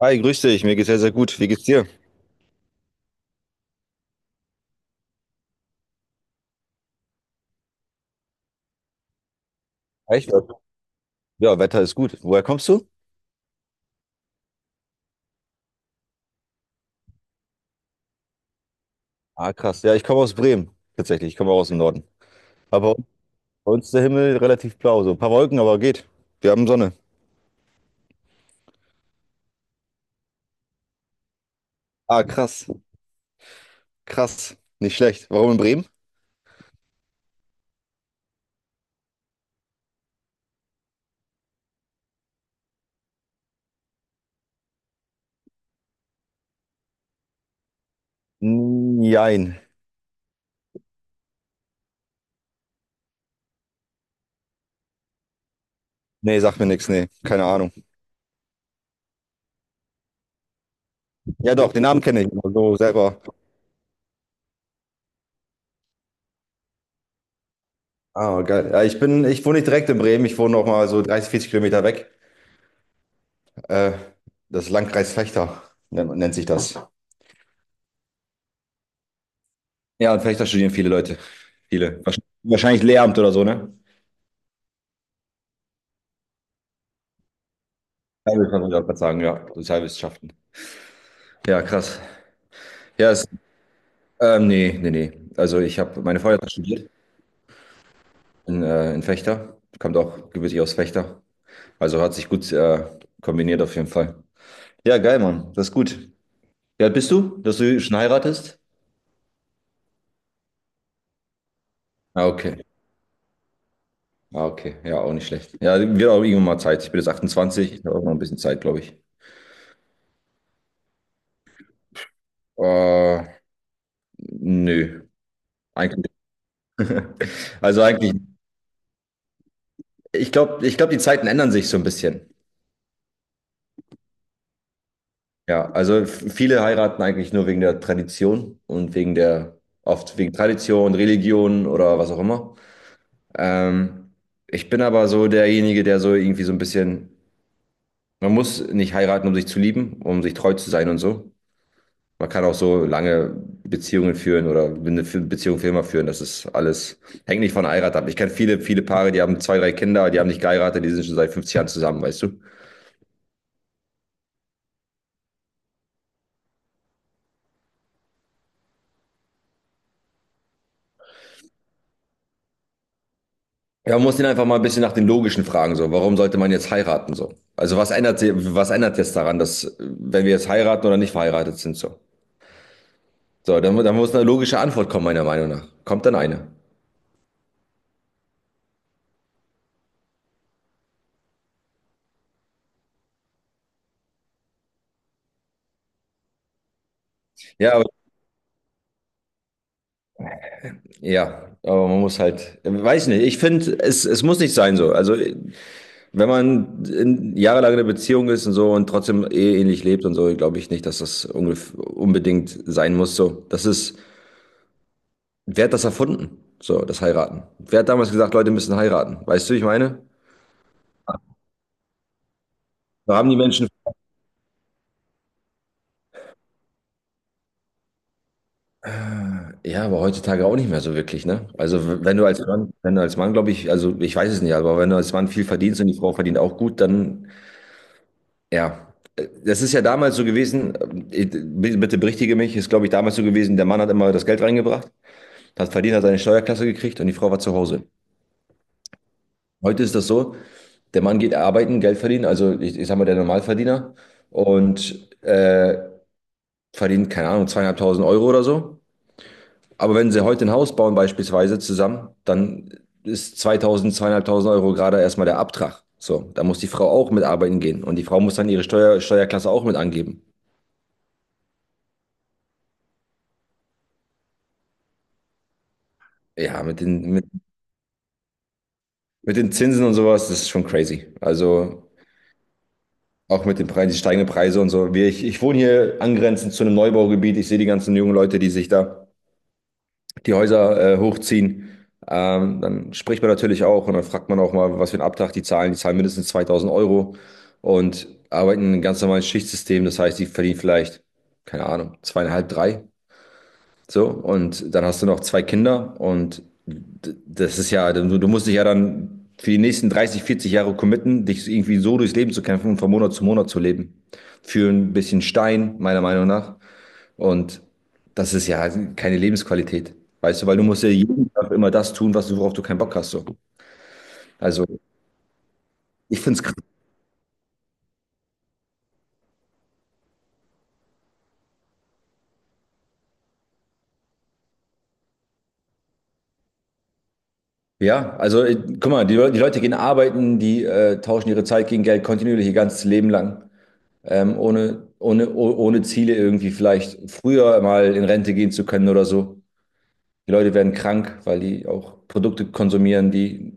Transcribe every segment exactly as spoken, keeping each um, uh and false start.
Hi, grüß dich. Mir geht's sehr, sehr gut. Wie geht's dir? Echt? Ja, Wetter ist gut. Woher kommst du? Ah, krass. Ja, ich komme aus Bremen. Tatsächlich. Ich komme auch aus dem Norden. Aber bei uns ist der Himmel relativ blau. So ein paar Wolken, aber geht. Wir haben Sonne. Ah, krass. Krass. Nicht schlecht. Warum in Bremen? Nein. Nee, sagt mir nichts. Nee, keine Ahnung. Ja, doch, den Namen kenne ich. aber So selber. Ah, geil. Ja, ich bin, ich wohne nicht direkt in Bremen. Ich wohne noch mal so dreißig, vierzig Kilometer weg. Äh, Das Landkreis Vechta nennt, nennt sich das. Ja, und Fechter studieren viele Leute. Viele. Wahrsch- Wahrscheinlich Lehramt oder so, ne? Teilwissenschaft würde ich auch grad sagen, ja. Sozialwissenschaften. Ja, krass. Ja, es, ähm, nee, nee, nee. Also ich habe meine Frau hat studiert in, äh, in Fechter. Kommt auch gebürtig aus Fechter. Also hat sich gut äh, kombiniert auf jeden Fall. Ja, geil, Mann. Das ist gut. Wie alt bist du, dass du schon heiratest? Ah, okay. Ah, okay. Ja, auch nicht schlecht. Ja, wird auch irgendwann mal Zeit. Ich bin jetzt achtundzwanzig. Ich habe auch noch ein bisschen Zeit, glaube ich. Äh, Nö. Eigentlich. Also eigentlich. Ich glaube, ich glaub, die Zeiten ändern sich so ein bisschen. Ja, also f- viele heiraten eigentlich nur wegen der Tradition und wegen der, oft wegen Tradition, Religion oder was auch immer. Ähm, Ich bin aber so derjenige, der so irgendwie so ein bisschen, man muss nicht heiraten, um sich zu lieben, um sich treu zu sein und so. Man kann auch so lange Beziehungen führen oder eine F- Beziehung für immer führen. Das ist alles, hängt nicht von der Heirat ab. Ich kenne viele, viele Paare, die haben zwei, drei Kinder, die haben nicht geheiratet, die sind schon seit fünfzig Jahren zusammen, weißt du? Ja, man muss ihn einfach mal ein bisschen nach den logischen Fragen so. Warum sollte man jetzt heiraten so? Also was ändert sie- was ändert jetzt daran, dass äh, wenn wir jetzt heiraten oder nicht verheiratet sind so? So, dann, mu- dann muss eine logische Antwort kommen, meiner Meinung nach. Kommt dann eine. Ja, aber, ja, aber man muss halt, äh, weiß nicht. Ich finde, es, es muss nicht sein so. Also äh, wenn man in, jahrelang in einer Beziehung ist und so und trotzdem eheähnlich lebt und so, glaube ich nicht, dass das ungef- unbedingt sein muss so. Das ist, wer hat das erfunden? So, das Heiraten. Wer hat damals gesagt, Leute müssen heiraten? Weißt du, wie ich meine? Da haben die Menschen. Ja, aber heutzutage auch nicht mehr so wirklich, ne? Also w- wenn du als Mann, wenn du als Mann, glaube ich, also ich weiß es nicht, aber wenn du als Mann viel verdienst und die Frau verdient auch gut, dann ja. Das ist ja damals so gewesen, äh, bitte bitte berichtige mich, ist, glaube ich, damals so gewesen, der Mann hat immer das Geld reingebracht, hat verdient, hat seine Steuerklasse gekriegt und die Frau war zu Hause. Heute ist das so, der Mann geht arbeiten, Geld verdienen, also ich, ich sag mal der Normalverdiener und äh, verdient, keine Ahnung, zweieinhalbtausend Euro oder so. Aber wenn sie heute ein Haus bauen, beispielsweise zusammen, dann ist zweitausend, zweitausendfünfhundert Euro gerade erstmal der Abtrag. So, da muss die Frau auch mitarbeiten gehen und die Frau muss dann ihre Steuer, Steuerklasse auch mit angeben. Ja, mit den, mit, mit den Zinsen und sowas, das ist schon crazy. Also auch mit den Preisen, die steigenden Preise und so. Wir, ich, ich wohne hier angrenzend zu einem Neubaugebiet. Ich sehe die ganzen jungen Leute, die sich da die Häuser äh, hochziehen. Ähm, dann spricht man natürlich auch und dann fragt man auch mal, was für einen Abtrag die zahlen. Die zahlen mindestens zweitausend Euro und arbeiten in einem ganz normalen Schichtsystem. Das heißt, die verdienen vielleicht, keine Ahnung, zweieinhalb, drei. So, und dann hast du noch zwei Kinder und d- das ist ja, du, du musst dich ja dann für die nächsten dreißig, vierzig Jahre committen, dich irgendwie so durchs Leben zu kämpfen und von Monat zu Monat zu leben. Für ein bisschen Stein, meiner Meinung nach. Und das ist ja keine Lebensqualität, weißt du, weil du musst ja jeden Tag immer das tun, was du, worauf du keinen Bock hast. So. Also ich finde es krass. Ja, also äh, guck mal, die, Le- die Leute gehen arbeiten, die äh, tauschen ihre Zeit gegen Geld kontinuierlich ihr ganzes Leben lang, ähm, ohne, ohne, oh- ohne Ziele irgendwie vielleicht früher mal in Rente gehen zu können oder so. Die Leute werden krank, weil die auch Produkte konsumieren, die,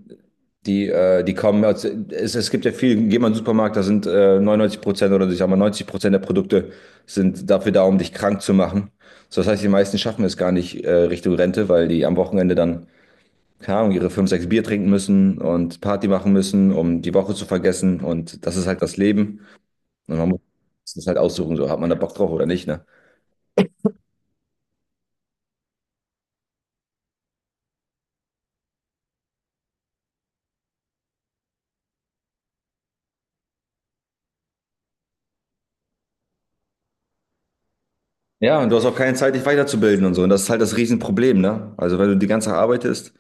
die, äh, die kommen. aus- Es, es gibt ja viel, geh mal in den Supermarkt, da sind äh, neunundneunzig Prozent oder ich sag mal neunzig Prozent der Produkte sind dafür da, um dich krank zu machen. So, das heißt, die meisten schaffen es gar nicht äh, Richtung Rente, weil die am Wochenende dann, keine Ahnung, ihre fünf, sechs Bier trinken müssen und Party machen müssen, um die Woche zu vergessen. Und das ist halt das Leben. Und man muss das halt aussuchen, so hat man da Bock drauf oder nicht, ne? Ja, und du hast auch keine Zeit, dich weiterzubilden und so. Und das ist halt das Riesenproblem, ne? Also wenn du die ganze Zeit arbeitest,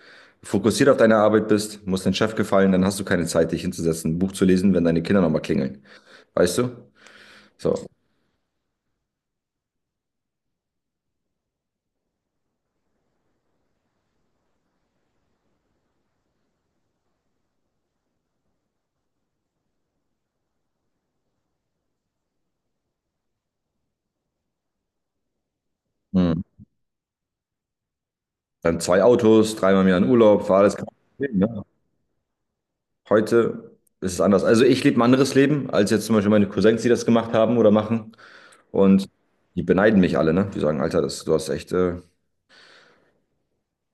fokussiert auf deine Arbeit bist, musst deinem Chef gefallen, dann hast du keine Zeit, dich hinzusetzen, ein Buch zu lesen, wenn deine Kinder nochmal klingeln. Weißt du? So. Hm. Dann zwei Autos, dreimal im Jahr in Urlaub, war alles kein Problem, ne? Heute ist es anders. Also ich lebe ein anderes Leben, als jetzt zum Beispiel meine Cousins, die das gemacht haben oder machen. Und die beneiden mich alle, ne? Die sagen, Alter, das, du hast echt äh,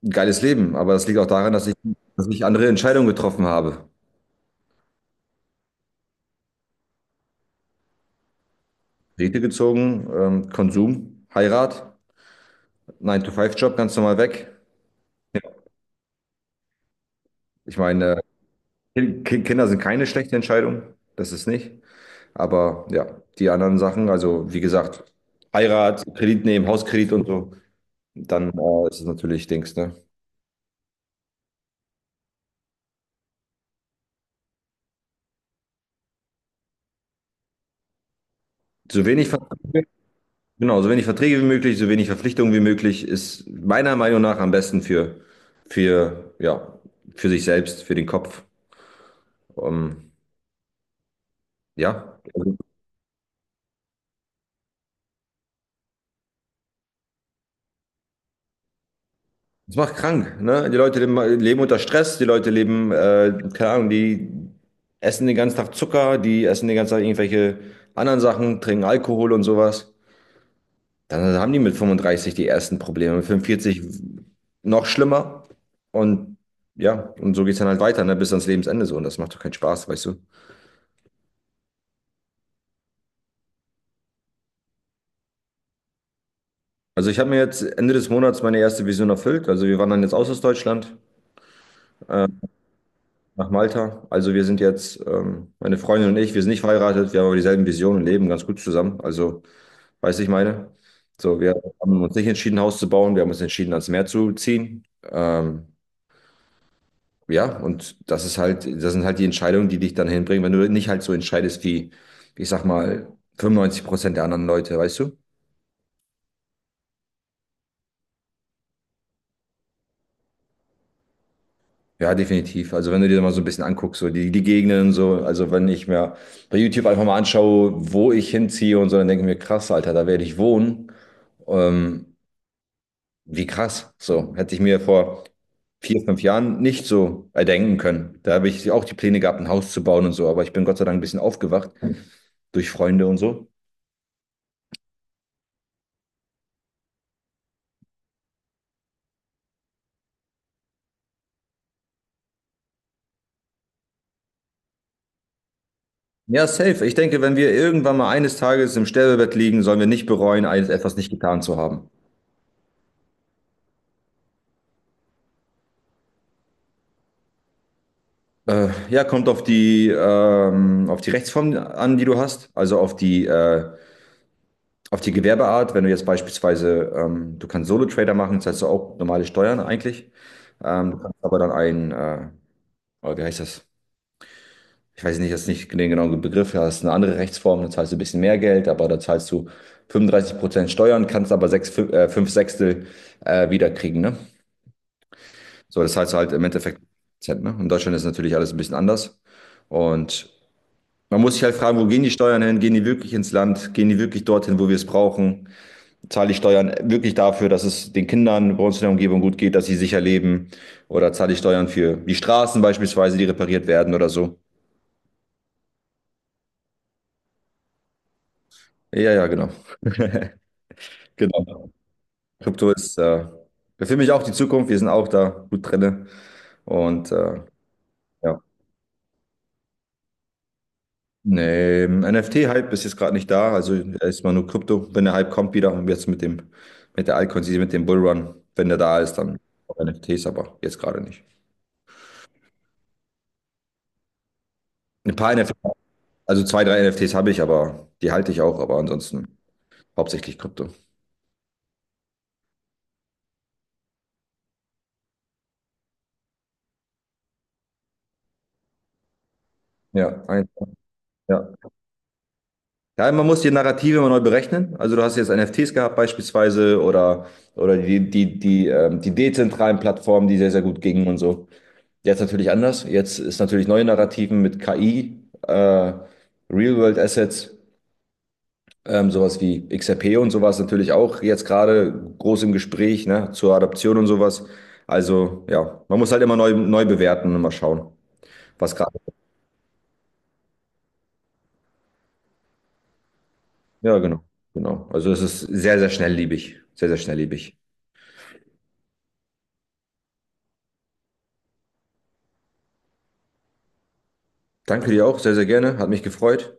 ein geiles Leben. Aber das liegt auch daran, dass ich, dass ich andere Entscheidungen getroffen habe. Rete gezogen, ähm, Konsum, Heirat, Nine to Five job ganz normal weg. Ich meine, äh, Ki- Kinder sind keine schlechte Entscheidung, das ist nicht. Aber ja, die anderen Sachen, also wie gesagt, Heirat, Kredit nehmen, Hauskredit und so, dann äh, ist es natürlich Dings, ne? So wenig, Ver- genau, so wenig Verträge wie möglich, so wenig Verpflichtungen wie möglich ist meiner Meinung nach am besten für, für, ja, für sich selbst, für den Kopf. Ähm, ja, also das macht krank, ne? Die Leute leben, leben unter Stress, die Leute leben, äh, keine Ahnung, die essen den ganzen Tag Zucker, die essen den ganzen Tag irgendwelche anderen Sachen, trinken Alkohol und sowas. Dann haben die mit fünfunddreißig die ersten Probleme, mit fünfundvierzig noch schlimmer. Und ja, und so geht's dann halt weiter, ne? Bis ans Lebensende so. Und das macht doch keinen Spaß, weißt du? Also ich habe mir jetzt Ende des Monats meine erste Vision erfüllt. Also wir waren dann jetzt aus aus Deutschland. nach Malta. Also wir sind jetzt, ähm, meine Freundin und ich, wir sind nicht verheiratet, wir haben aber dieselben Visionen und leben ganz gut zusammen. Also, weißt du, ich meine? So, wir haben uns nicht entschieden, ein Haus zu bauen, wir haben uns entschieden, ans Meer zu ziehen. Ähm, ja, und das ist halt, das sind halt die Entscheidungen, die dich dann hinbringen, wenn du nicht halt so entscheidest wie, ich sag mal, fünfundneunzig Prozent der anderen Leute, weißt du? Ja, definitiv. Also wenn du dir mal so ein bisschen anguckst, so die, die Gegenden und so, also wenn ich mir bei YouTube einfach mal anschaue, wo ich hinziehe und so, dann denke ich mir, krass, Alter, da werde ich wohnen. Ähm, Wie krass. So, hätte ich mir vor vier, fünf Jahren nicht so erdenken können. Da habe ich auch die Pläne gehabt, ein Haus zu bauen und so, aber ich bin Gott sei Dank ein bisschen aufgewacht durch Freunde und so. Ja, safe. Ich denke, wenn wir irgendwann mal eines Tages im Sterbebett liegen, sollen wir nicht bereuen, eines- etwas nicht getan zu haben. Äh, ja, kommt auf die, ähm, auf die Rechtsform an, die du hast, also auf die, äh, auf die Gewerbeart. Wenn du jetzt beispielsweise, ähm, du kannst Solo-Trader machen, zahlst du auch normale Steuern eigentlich. Ähm, du kannst aber dann einen, äh, oh, wie heißt das? Ich weiß nicht, jetzt ist nicht den genauen Begriff, da hast du eine andere Rechtsform, dann zahlst du ein bisschen mehr Geld, aber da zahlst du fünfunddreißig Prozent Steuern, kannst aber sechs, fün- äh, fünf Sechstel äh, wiederkriegen, ne? So, das heißt halt im Endeffekt, ne? In Deutschland ist natürlich alles ein bisschen anders. Und man muss sich halt fragen, wo gehen die Steuern hin? Gehen die wirklich ins Land? Gehen die wirklich dorthin, wo wir es brauchen? Zahle ich Steuern wirklich dafür, dass es den Kindern bei uns in der Umgebung gut geht, dass sie sicher leben? Oder zahle ich Steuern für die Straßen beispielsweise, die repariert werden oder so? Ja, ja, genau. Genau. Krypto ist äh, für mich auch die Zukunft. Wir sind auch da gut drinne. Und äh, ja. Nee, N F T-Hype ist jetzt gerade nicht da, also erstmal nur Krypto. Wenn der Hype kommt wieder, und jetzt mit dem, mit der Altcoin, mit dem Bullrun, wenn der da ist, dann auch N F Ts, aber jetzt gerade nicht. Ein paar N F Ts, also zwei, drei N F Ts habe ich, aber die halte ich auch, aber ansonsten hauptsächlich Krypto. Ja, ein, ja. Ja, man muss die Narrative immer neu berechnen. Also du hast jetzt N F Ts gehabt beispielsweise oder, oder die, die, die, ähm, die dezentralen Plattformen, die sehr, sehr gut gingen und so. Jetzt natürlich anders. Jetzt ist natürlich neue Narrativen mit K I, äh, Real-World-Assets, ähm, sowas wie X R P und sowas natürlich auch jetzt gerade groß im Gespräch, ne, zur Adaption und sowas. Also ja, man muss halt immer neu, neu bewerten und mal schauen, was gerade. Ja, genau, genau. Also es ist sehr, sehr schnelllebig. Sehr, sehr schnelllebig. Danke dir auch, sehr, sehr gerne. Hat mich gefreut.